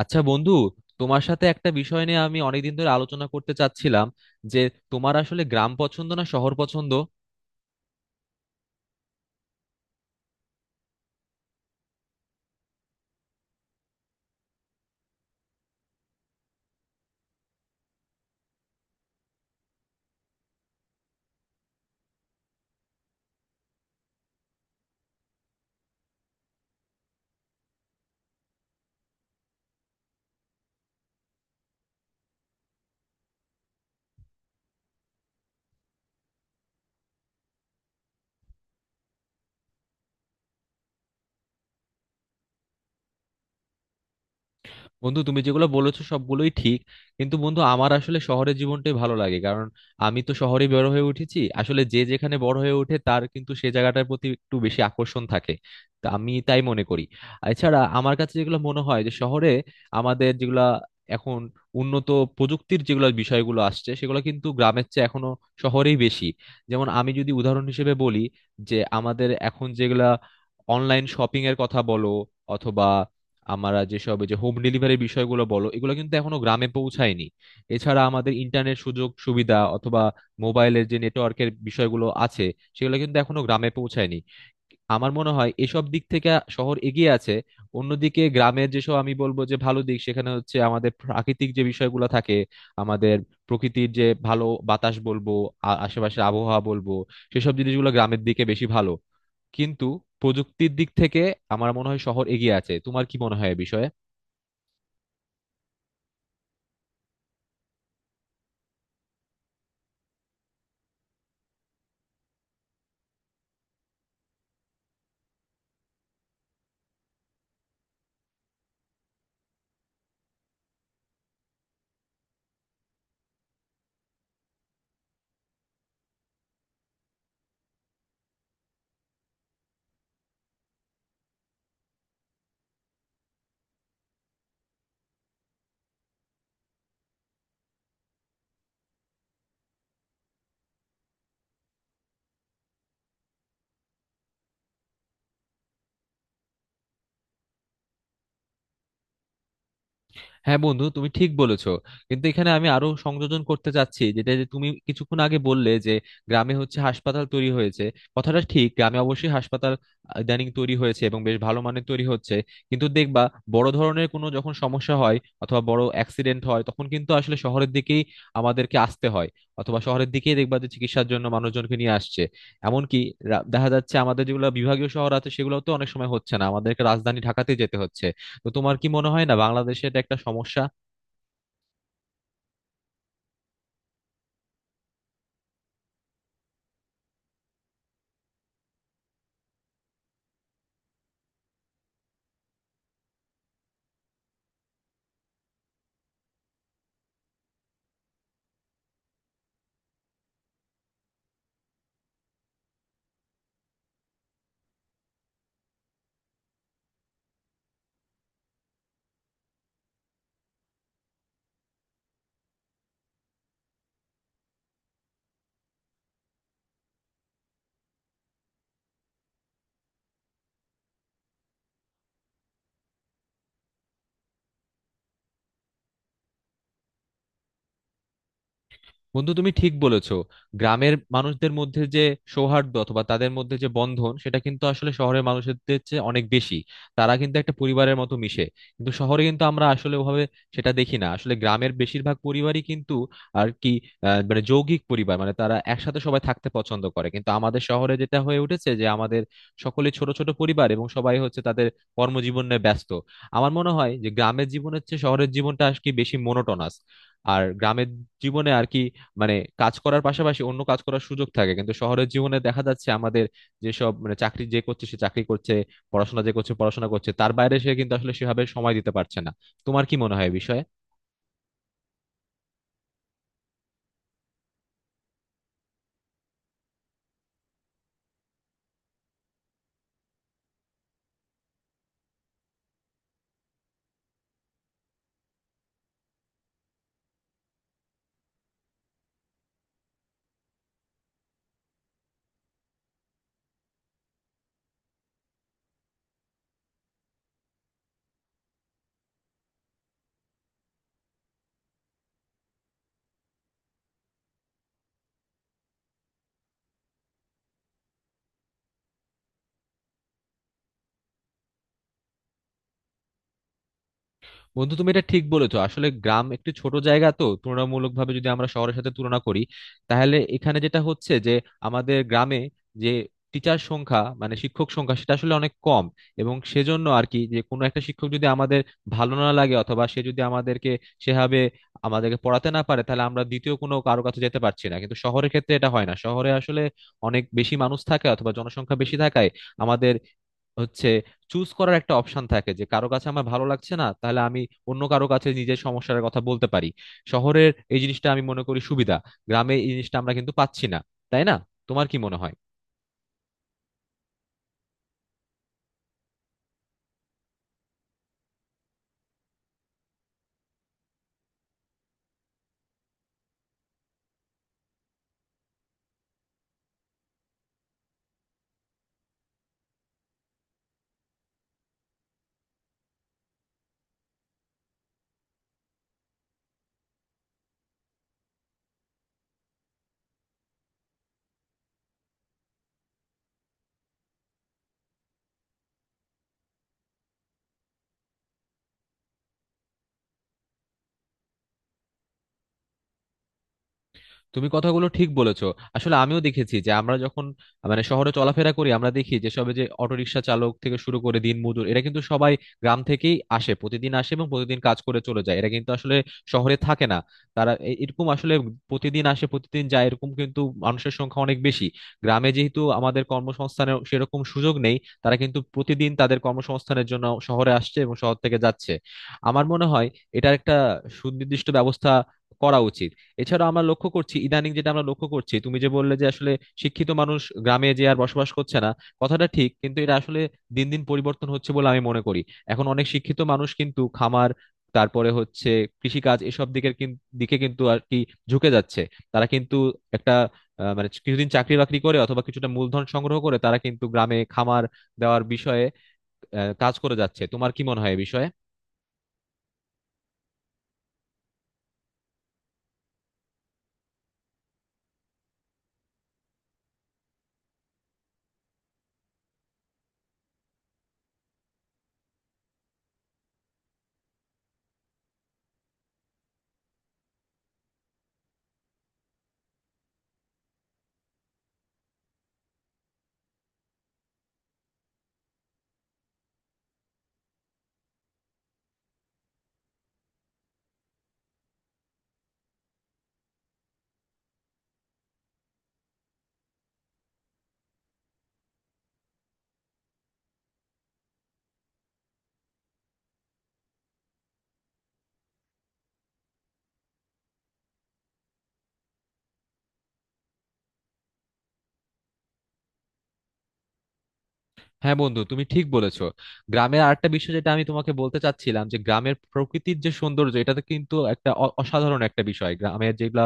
আচ্ছা বন্ধু, তোমার সাথে একটা বিষয় নিয়ে আমি অনেকদিন ধরে আলোচনা করতে চাচ্ছিলাম যে তোমার আসলে গ্রাম পছন্দ না শহর পছন্দ। বন্ধু, তুমি যেগুলো বলেছো সবগুলোই ঠিক, কিন্তু বন্ধু আমার আসলে শহরের জীবনটাই ভালো লাগে। কারণ আমি তো শহরে বড় হয়ে উঠেছি, আসলে যে যেখানে বড় হয়ে ওঠে তার কিন্তু সে জায়গাটার প্রতি একটু বেশি আকর্ষণ থাকে, তা আমি তাই মনে করি। এছাড়া আমার কাছে যেগুলো মনে হয় যে শহরে আমাদের যেগুলা এখন উন্নত প্রযুক্তির যেগুলো বিষয়গুলো আসছে সেগুলো কিন্তু গ্রামের চেয়ে এখনো শহরেই বেশি। যেমন আমি যদি উদাহরণ হিসেবে বলি যে আমাদের এখন যেগুলা অনলাইন শপিং এর কথা বলো অথবা আমরা যেসব এই যে হোম ডেলিভারির বিষয়গুলো বলো, এগুলো কিন্তু এখনো গ্রামে পৌঁছায়নি। এছাড়া আমাদের ইন্টারনেট সুযোগ সুবিধা অথবা মোবাইলের যে নেটওয়ার্কের বিষয়গুলো আছে সেগুলো কিন্তু এখনো গ্রামে পৌঁছায়নি। আমার মনে হয় এসব দিক থেকে শহর এগিয়ে আছে। অন্যদিকে গ্রামের যেসব আমি বলবো যে ভালো দিক সেখানে হচ্ছে আমাদের প্রাকৃতিক যে বিষয়গুলো থাকে, আমাদের প্রকৃতির যে ভালো বাতাস বলবো, আশেপাশের আবহাওয়া বলবো, সেসব জিনিসগুলো গ্রামের দিকে বেশি ভালো। কিন্তু প্রযুক্তির দিক থেকে আমার মনে হয় শহর এগিয়ে আছে। তোমার কি মনে হয় এ বিষয়ে? হ্যাঁ বন্ধু, তুমি ঠিক বলেছো। কিন্তু এখানে আমি আরো সংযোজন করতে চাচ্ছি, যেটা যে তুমি কিছুক্ষণ আগে বললে যে গ্রামে হচ্ছে হাসপাতাল তৈরি হয়েছে। কথাটা ঠিক, গ্রামে অবশ্যই হাসপাতাল ইদানিং তৈরি হয়েছে এবং বেশ ভালো মানের তৈরি হচ্ছে। কিন্তু দেখবা বড় ধরনের কোনো যখন সমস্যা হয় অথবা বড় অ্যাক্সিডেন্ট হয়, তখন কিন্তু আসলে শহরের দিকেই আমাদেরকে আসতে হয়, অথবা শহরের দিকেই দেখবা যে চিকিৎসার জন্য মানুষজনকে নিয়ে আসছে। এমনকি দেখা যাচ্ছে আমাদের যেগুলো বিভাগীয় শহর আছে সেগুলোতেও অনেক সময় হচ্ছে না, আমাদেরকে রাজধানী ঢাকাতে যেতে হচ্ছে। তো তোমার কি মনে হয় না বাংলাদেশে এটা একটা সমস্যা? বন্ধু, তুমি ঠিক বলেছো। গ্রামের মানুষদের মধ্যে যে সৌহার্দ্য অথবা তাদের মধ্যে যে বন্ধন সেটা কিন্তু আসলে শহরের মানুষদের চেয়ে অনেক বেশি। তারা কিন্তু একটা পরিবারের মতো মিশে, কিন্তু শহরে কিন্তু আমরা আসলে ওভাবে সেটা দেখি না। আসলে গ্রামের বেশিরভাগ পরিবারই কিন্তু আর কি মানে যৌগিক পরিবার, মানে তারা একসাথে সবাই থাকতে পছন্দ করে। কিন্তু আমাদের শহরে যেটা হয়ে উঠেছে যে আমাদের সকলে ছোট ছোট পরিবার এবং সবাই হচ্ছে তাদের কর্মজীবনে ব্যস্ত। আমার মনে হয় যে গ্রামের জীবনের চেয়ে শহরের জীবনটা আর কি বেশি মোনোটোনাস। আর গ্রামের জীবনে আর কি মানে কাজ করার পাশাপাশি অন্য কাজ করার সুযোগ থাকে, কিন্তু শহরের জীবনে দেখা যাচ্ছে আমাদের যেসব মানে চাকরি যে করছে সে চাকরি করছে, পড়াশোনা যে করছে পড়াশোনা করছে, তার বাইরে সে কিন্তু আসলে সেভাবে সময় দিতে পারছে না। তোমার কি মনে হয় এ বিষয়ে? বন্ধু, তুমি এটা ঠিক বলেছো। আসলে গ্রাম একটু ছোট জায়গা, তো তুলনামূলকভাবে যদি আমরা শহরের সাথে তুলনা করি, তাহলে এখানে যেটা হচ্ছে যে আমাদের গ্রামে যে টিচার সংখ্যা মানে শিক্ষক সংখ্যা সেটা আসলে অনেক কম। এবং সেজন্য আর কি যে কোনো একটা শিক্ষক যদি আমাদের ভালো না লাগে অথবা সে যদি আমাদেরকে সেভাবে আমাদেরকে পড়াতে না পারে, তাহলে আমরা দ্বিতীয় কোনো কারো কাছে যেতে পারছি না। কিন্তু শহরের ক্ষেত্রে এটা হয় না, শহরে আসলে অনেক বেশি মানুষ থাকে অথবা জনসংখ্যা বেশি থাকায় আমাদের হচ্ছে চুজ করার একটা অপশন থাকে, যে কারো কাছে আমার ভালো লাগছে না তাহলে আমি অন্য কারো কাছে নিজের সমস্যার কথা বলতে পারি। শহরের এই জিনিসটা আমি মনে করি সুবিধা, গ্রামে এই জিনিসটা আমরা কিন্তু পাচ্ছি না, তাই না? তোমার কি মনে হয়? তুমি কথাগুলো ঠিক বলেছো। আসলে আমিও দেখেছি যে আমরা যখন মানে শহরে চলাফেরা করি আমরা দেখি যে সবে যে অটোরিকশা চালক থেকে শুরু করে দিনমজুর এরা কিন্তু সবাই গ্রাম থেকেই আসে, প্রতিদিন আসে এবং প্রতিদিন কাজ করে চলে যায়। এরা কিন্তু আসলে শহরে থাকে না। তারা এরকম আসলে প্রতিদিন আসে প্রতিদিন যায়, এরকম কিন্তু মানুষের সংখ্যা অনেক বেশি। গ্রামে যেহেতু আমাদের কর্মসংস্থানের সেরকম সুযোগ নেই, তারা কিন্তু প্রতিদিন তাদের কর্মসংস্থানের জন্য শহরে আসছে এবং শহর থেকে যাচ্ছে। আমার মনে হয় এটার একটা সুনির্দিষ্ট ব্যবস্থা করা উচিত। এছাড়া আমরা লক্ষ্য করছি ইদানিং, যেটা আমরা লক্ষ্য করছি তুমি যে বললে যে আসলে শিক্ষিত মানুষ গ্রামে যে আর বসবাস করছে না, কথাটা ঠিক। কিন্তু এটা আসলে দিন দিন পরিবর্তন হচ্ছে বলে আমি মনে করি। এখন অনেক শিক্ষিত মানুষ কিন্তু খামার, তারপরে হচ্ছে কৃষিকাজ, এসব দিকের দিকে কিন্তু আর কি ঝুঁকে যাচ্ছে। তারা কিন্তু একটা মানে কিছুদিন চাকরি বাকরি করে অথবা কিছুটা মূলধন সংগ্রহ করে তারা কিন্তু গ্রামে খামার দেওয়ার বিষয়ে কাজ করে যাচ্ছে। তোমার কি মনে হয় এ বিষয়ে? হ্যাঁ বন্ধু, তুমি ঠিক বলেছো। গ্রামের আরেকটা বিষয় যেটা আমি তোমাকে বলতে চাচ্ছিলাম যে গ্রামের প্রকৃতির যে সৌন্দর্য, এটা তো কিন্তু একটা অসাধারণ একটা বিষয়। গ্রামের যেগুলা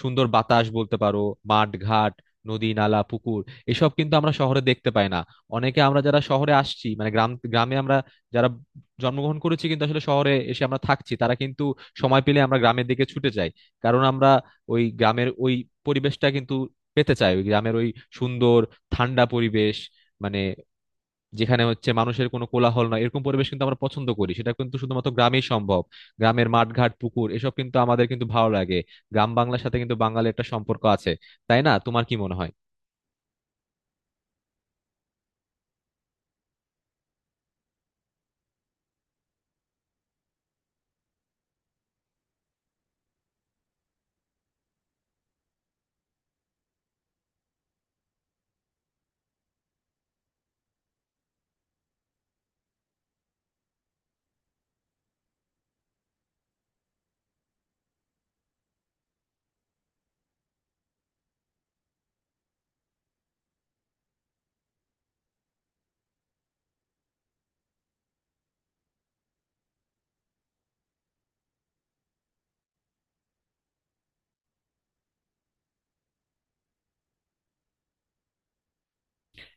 সুন্দর বাতাস বলতে পারো, মাঠ ঘাট, নদী নালা পুকুর, এসব কিন্তু আমরা শহরে দেখতে পাই না। অনেকে আমরা যারা শহরে আসছি মানে গ্রামে আমরা যারা জন্মগ্রহণ করেছি কিন্তু আসলে শহরে এসে আমরা থাকছি, তারা কিন্তু সময় পেলে আমরা গ্রামের দিকে ছুটে যাই। কারণ আমরা ওই গ্রামের ওই পরিবেশটা কিন্তু পেতে চাই, ওই গ্রামের ওই সুন্দর ঠান্ডা পরিবেশ, মানে যেখানে হচ্ছে মানুষের কোনো কোলাহল নয়, এরকম পরিবেশ কিন্তু আমরা পছন্দ করি, সেটা কিন্তু শুধুমাত্র গ্রামেই সম্ভব। গ্রামের মাঠঘাট পুকুর এসব কিন্তু আমাদের কিন্তু ভালো লাগে। গ্রাম বাংলার সাথে কিন্তু বাঙালির একটা সম্পর্ক আছে, তাই না? তোমার কি মনে হয়?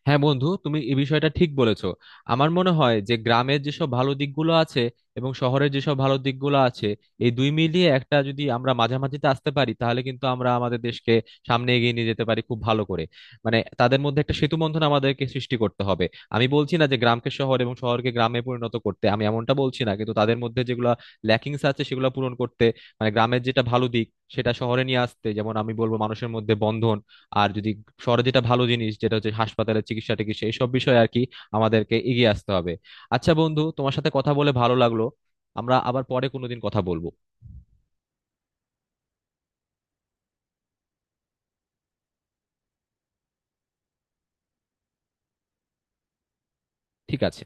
হ্যাঁ বন্ধু, তুমি এই বিষয়টা ঠিক বলেছো। আমার মনে হয় যে গ্রামের যেসব ভালো দিকগুলো আছে এবং শহরের যেসব ভালো দিকগুলো আছে, এই দুই মিলিয়ে একটা যদি আমরা মাঝামাঝিতে আসতে পারি, তাহলে কিন্তু আমরা আমাদের দেশকে সামনে এগিয়ে নিয়ে যেতে পারি খুব ভালো করে। মানে তাদের মধ্যে একটা সেতু বন্ধন আমাদেরকে সৃষ্টি করতে হবে। আমি বলছি না যে গ্রামকে শহর এবং শহরকে গ্রামে পরিণত করতে, আমি এমনটা বলছি না। কিন্তু তাদের মধ্যে যেগুলো ল্যাকিংস আছে সেগুলো পূরণ করতে, মানে গ্রামের যেটা ভালো দিক সেটা শহরে নিয়ে আসতে, যেমন আমি বলবো মানুষের মধ্যে বন্ধন। আর যদি শহরে যেটা ভালো জিনিস, যেটা হচ্ছে হাসপাতালের চিকিৎসা টিকিৎসা এইসব বিষয়ে আর কি আমাদেরকে এগিয়ে আসতে হবে। আচ্ছা বন্ধু, তোমার সাথে কথা বলে ভালো লাগলো, আমরা আবার পরে কোনোদিন কথা বলবো। ঠিক আছে।